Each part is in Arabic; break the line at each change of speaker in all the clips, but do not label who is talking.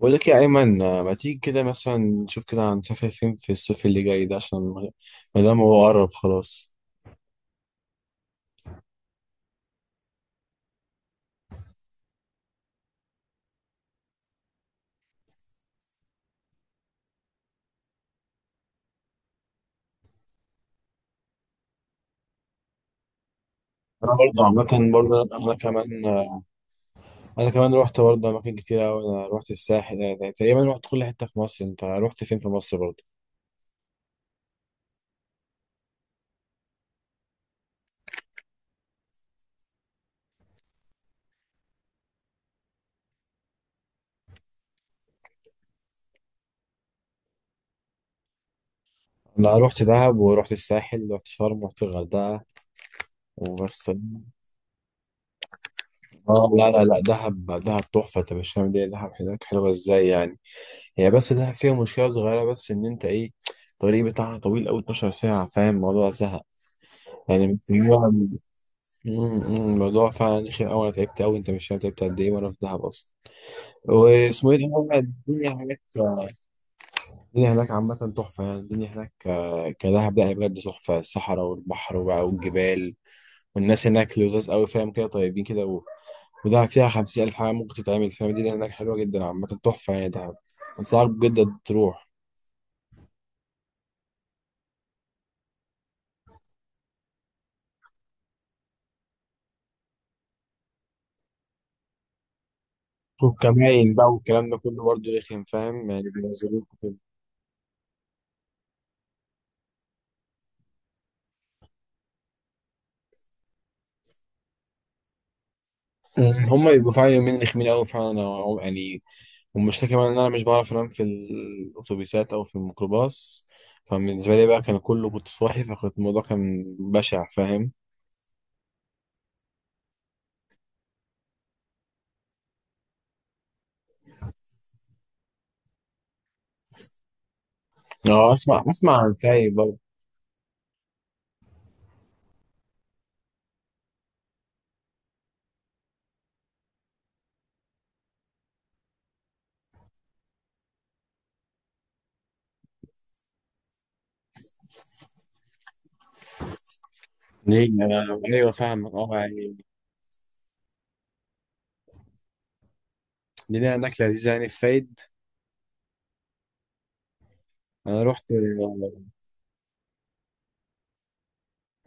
بقول لك يا أيمن، ما تيجي كده مثلا نشوف كده هنسافر فين في الصيف اللي جاي ده؟ عشان ما دام هو قرب خلاص. أنا برضه عامة برضه أنا كمان أنا كمان روحت برضه أماكن كتير أوي. أنا روحت الساحل، يعني تقريبا روحت كل حتة في مصر. أنت روحت فين في مصر برضه؟ أنا روحت دهب وروحت الساحل، روحت شرم، روحت الغردقة وبس. آه، لا لا لا، دهب تحفة، أنت مش فاهم. دي دهب هناك حلوة إزاي يعني. هي بس دهب فيها مشكلة صغيرة، بس إن أنت إيه، الطريق بتاعها طويل أوي، 12 ساعة، فاهم؟ الموضوع سهل يعني، مستنيها. أمم، أمم، الموضوع فعلا رخم أوي، أنا تعبت أوي، أنت مش فاهم تعبت قد إيه وأنا في دهب أصلا. واسمه إيه ده، الدنيا هناك، الدنيا هناك عامة تحفة يعني. الدنيا هناك كدهب لا، هي بجد تحفة، الصحراء والبحر وبقى والجبال والناس هناك لذاذ أوي، فاهم كده؟ طيبين كده ودهب فيها 50 ألف حاجة ممكن تتعمل، فاهم؟ الدنيا هناك حلوة جدا، عامة تحفة يعني دهب، أنصحك بجد تروح. والكمائن بقى والكلام ده كله برضه رخم، فاهم يعني، بينزلوك وكده. هما بيبقوا فعلا يومين رخمين أوي فعلا، يعني، والمشكلة كمان إن أنا مش بعرف أنام في الأتوبيسات أو في الميكروباص، فبالنسبة لي بقى كان كله كنت صاحي، فكنت الموضوع كان بشع، فاهم؟ اه، أسمع أسمع عن فايد برضه. ليه، أنا أيوه فاهم، أه يعني. لينا أكلة لذيذة يعني في فايد. أنا رحت،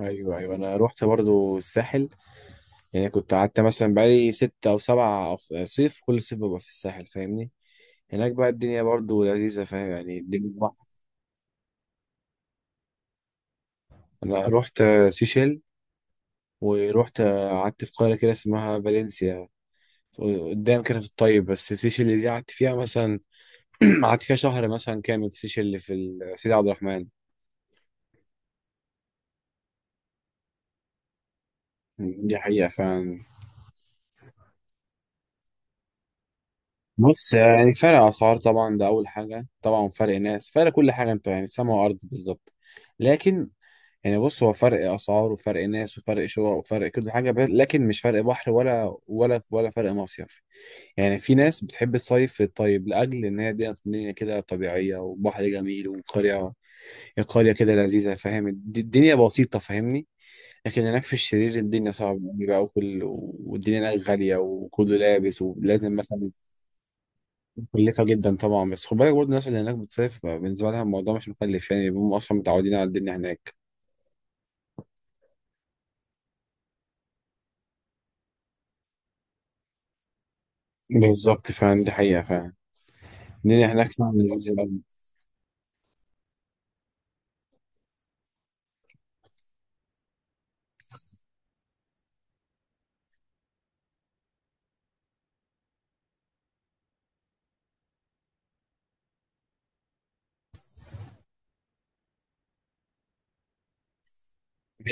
أيوه أيوه أنا رحت برضه الساحل، يعني كنت قعدت مثلا بقالي ست أو سبع صيف، كل صيف ببقى في الساحل، فاهمني؟ هناك بقى الدنيا برضه لذيذة، فاهم يعني، الدنيا بحر. أنا رحت سيشيل، ورحت قعدت في قرية كده اسمها فالنسيا قدام كده في الطيب، بس السيشل اللي دي قعدت فيها مثلا قعدت فيها شهر مثلا كامل، في السيشل اللي في سيدي عبد الرحمن. دي حقيقة فعلا. بص، يعني فرق أسعار طبعا ده أول حاجة، طبعا فرق ناس، فرق كل حاجة، أنت يعني سما وأرض بالظبط. لكن يعني، بص، هو فرق أسعار وفرق ناس وفرق شقق وفرق كل حاجة، لكن مش فرق بحر ولا ولا ولا فرق مصيف. يعني في ناس بتحب الصيف في الطيب لأجل إن هي الدنيا، الدنيا كده طبيعية وبحر جميل وقرية، قرية كده لذيذة، فاهم؟ الدنيا بسيطة، فاهمني؟ لكن هناك في الشرير الدنيا صعبة أوي بقى، وكل والدنيا هناك غالية وكله لابس ولازم مثلا، مكلفة جدا طبعا. بس خد بالك برضه، الناس اللي هناك بتصيف بالنسبة لها الموضوع مش مكلف، يعني هم أصلا متعودين على الدنيا هناك. بالظبط، فعلا دي حقيقة فعلا، الدنيا هناك فعلا لذيذة أوي.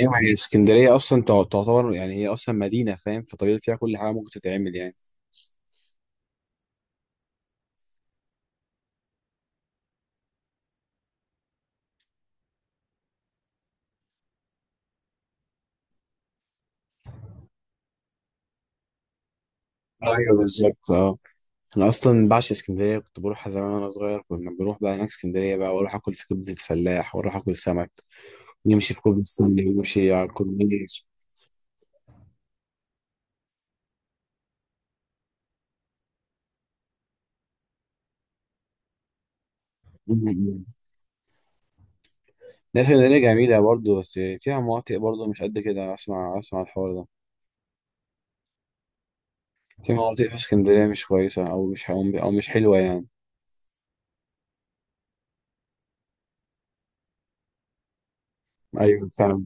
أيوة، هي اسكندرية أصلا تعتبر يعني، هي أصلا مدينة، فاهم؟ فطبيعي فيها كل حاجة ممكن تتعمل يعني. ايوه بالظبط، اه. انا اصلا بعشق اسكندريه، كنت بروحها زمان وانا صغير، كنا بنروح بقى هناك اسكندريه بقى، واروح اكل في كبده الفلاح، واروح اكل سمك، نمشي في كوبري ستانلي ونمشي على الكورنيش. لا، اسكندريه جميله برضه، بس فيها مناطق برضه مش قد كده، اسمع اسمع الحوار ده. في مناطق في اسكندريه مش كويسه، او مش او مش حلوه يعني. ايوه فعلا.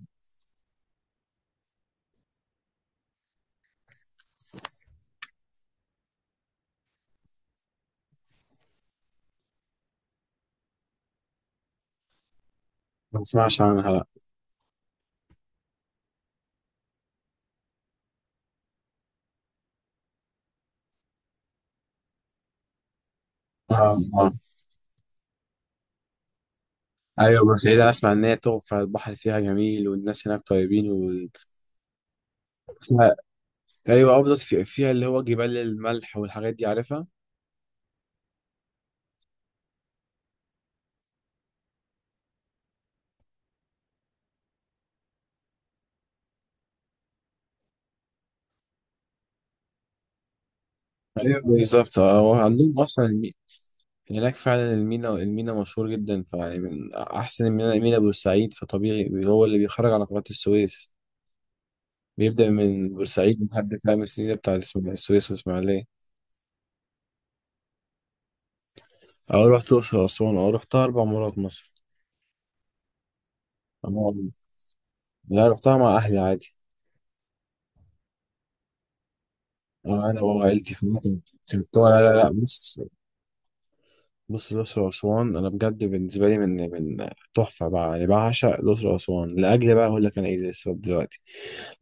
ما اسمعش عنها لا. آه. آه. ايوه، بورسعيد انا اسمع ان هي تحفه، البحر فيها جميل، والناس هناك طيبين وفيها، ايوه افضل في فيها اللي هو جبال الملح والحاجات دي، عارفها؟ ايوه بالظبط، اه. هو عندهم اصلا هناك فعلا المينا، المينا مشهور جدا، فيعني من احسن المينا مينا بورسعيد، فطبيعي هو اللي بيخرج على قناة السويس، بيبدا من بورسعيد لحد خامس المينا بتاع السويس والاسماعيليه. اه رحت الاقصر واسوان، اه رحتها اربع مرات مصر. أما- لا رحتها مع اهلي عادي. اه، انا وعائلتي في مصر. كنت، لا لا لا، بص، بص الأقصر وأسوان أنا بجد بالنسبة لي، من تحفة بقى يعني، بعشق الأقصر وأسوان، لأجل بقى أقول لك أنا إيه السبب دلوقتي.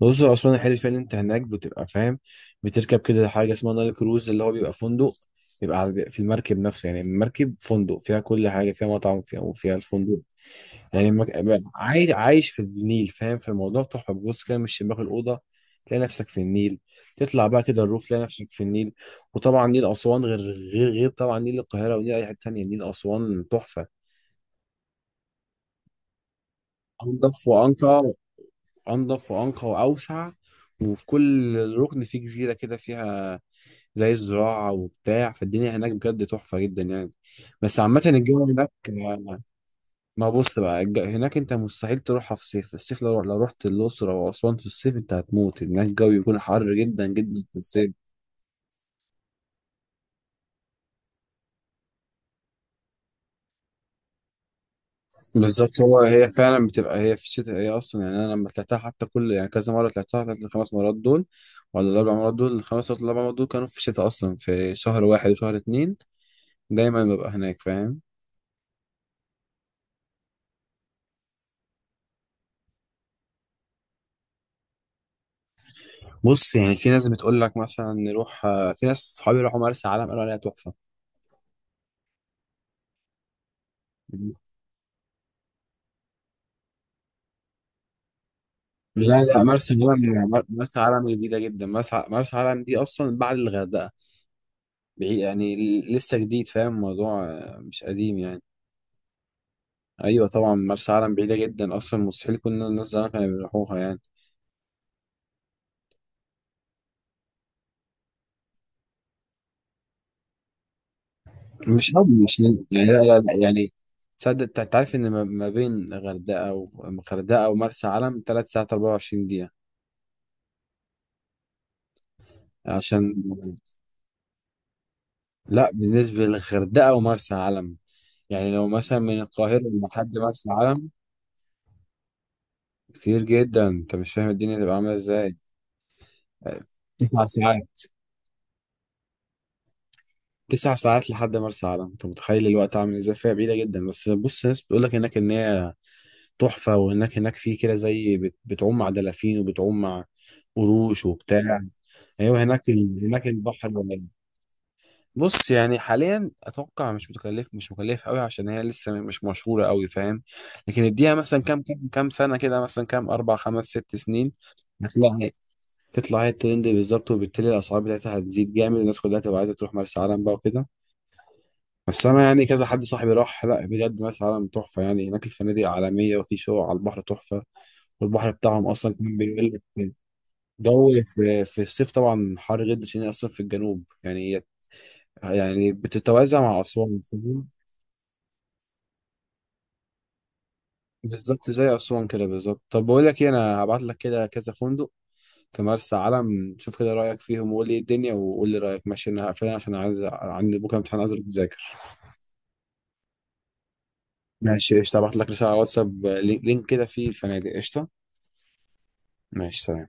الأقصر وأسوان الحلو فيها إن أنت هناك بتبقى فاهم، بتركب كده حاجة اسمها نايل كروز، اللي هو بيبقى فندق، بيبقى بيبقى في المركب نفسه، يعني المركب فندق، فيها كل حاجة، فيها مطعم فيها وفيها الفندق، يعني عايش في النيل، فاهم في الموضوع؟ تحفه. بص كده من شباك الاوضه تلاقي نفسك في النيل، تطلع بقى كده الروف تلاقي نفسك في النيل. وطبعا نيل اسوان غير، غير طبعا نيل القاهره ونيل اي حته تانيه، نيل اسوان تحفه، انضف وانقى، انضف وانقى واوسع. وفي كل ركن فيه جزيره كده، فيها زي الزراعه وبتاع، فالدنيا هناك بجد تحفه جدا يعني. بس عامه الجو هناك، ما بص بقى هناك انت مستحيل تروحها في صيف، الصيف لو رحت الاقصر او اسوان في الصيف انت هتموت، هناك الجو بيكون حر جدا جدا في الصيف. بالظبط، هو هي فعلا بتبقى هي في الشتاء، هي اصلا يعني، انا لما طلعتها حتى كل يعني كذا مره طلعتها، طلعت الخمس مرات دول ولا الاربع مرات دول، الخمس ولا الاربع مرات دول، كانوا في الشتاء اصلا، في شهر واحد وشهر اتنين، دايما ببقى هناك، فاهم؟ بص يعني، في ناس بتقول لك مثلا نروح، في ناس صحابي راحوا مرسى علم قالوا عليها تحفه. لا لا، مرسى علم، مرسى علم جديدة جدا، مرسى مرسى علم دي أصلا بعد الغردقة، بعيد يعني. لسه جديد، فاهم الموضوع؟ مش قديم يعني. أيوة طبعا مرسى علم بعيدة جدا أصلا، مستحيل، كنا الناس زمان كانوا بيروحوها يعني. مش قبل، مش ن- يعني لا لا لا يعني، تصدق أنت تعرف إن ما بين غردقة، وغردقة ومرسى علم تلات ساعات 24 دقيقة؟ عشان، لا بالنسبة للغردقة ومرسى علم، يعني لو مثلا من القاهرة لحد مرسى علم، كتير جدا، انت مش فاهم الدنيا تبقى عامله ازاي. تسع ساعات، تسع ساعات لحد مرسى علم، انت متخيل الوقت عامل ازاي؟ فيها بعيده جدا. بس بص، ناس بتقول لك هناك ان هي تحفه، وانك هناك في كده، زي بتعوم مع دلافين، وبتعوم مع قروش وبتاع. ايوه، هناك هناك البحر جميل. بص يعني حاليا اتوقع مش متكلف، مش مكلف قوي، عشان هي لسه مش مشهوره قوي، فاهم؟ لكن اديها مثلا كام، كام سنه كده، مثلا كام، اربع خمس ست سنين، هتلاقي، تطلع هي الترند بالظبط، وبالتالي الاسعار بتاعتها هتزيد جامد، والناس كلها تبقى عايزه تروح مرسى علم بقى وكده. بس انا يعني كذا حد صاحبي راح، لا بجد مرسى علم تحفه يعني، هناك الفنادق عالميه، وفي شقق على البحر تحفه، والبحر بتاعهم اصلا كان بيقول لك جو، في في الصيف طبعا حر جدا، عشان هي اصلا في الجنوب، يعني هي يعني بتتوازى مع اسوان، فاهم؟ بالظبط زي اسوان كده بالظبط. طب بقول لك ايه، انا هبعت لك كده كذا فندق في مرسى علم، شوف كده رايك فيهم، وقول لي ايه الدنيا وقول لي رايك، ماشي؟ انا هقفل عشان عايز، عندي بكره امتحان عايز اذاكر. ماشي قشطة، هبعت لك رسالة على واتساب، لينك، كده فيه الفنادق، قشطة. ماشي سلام.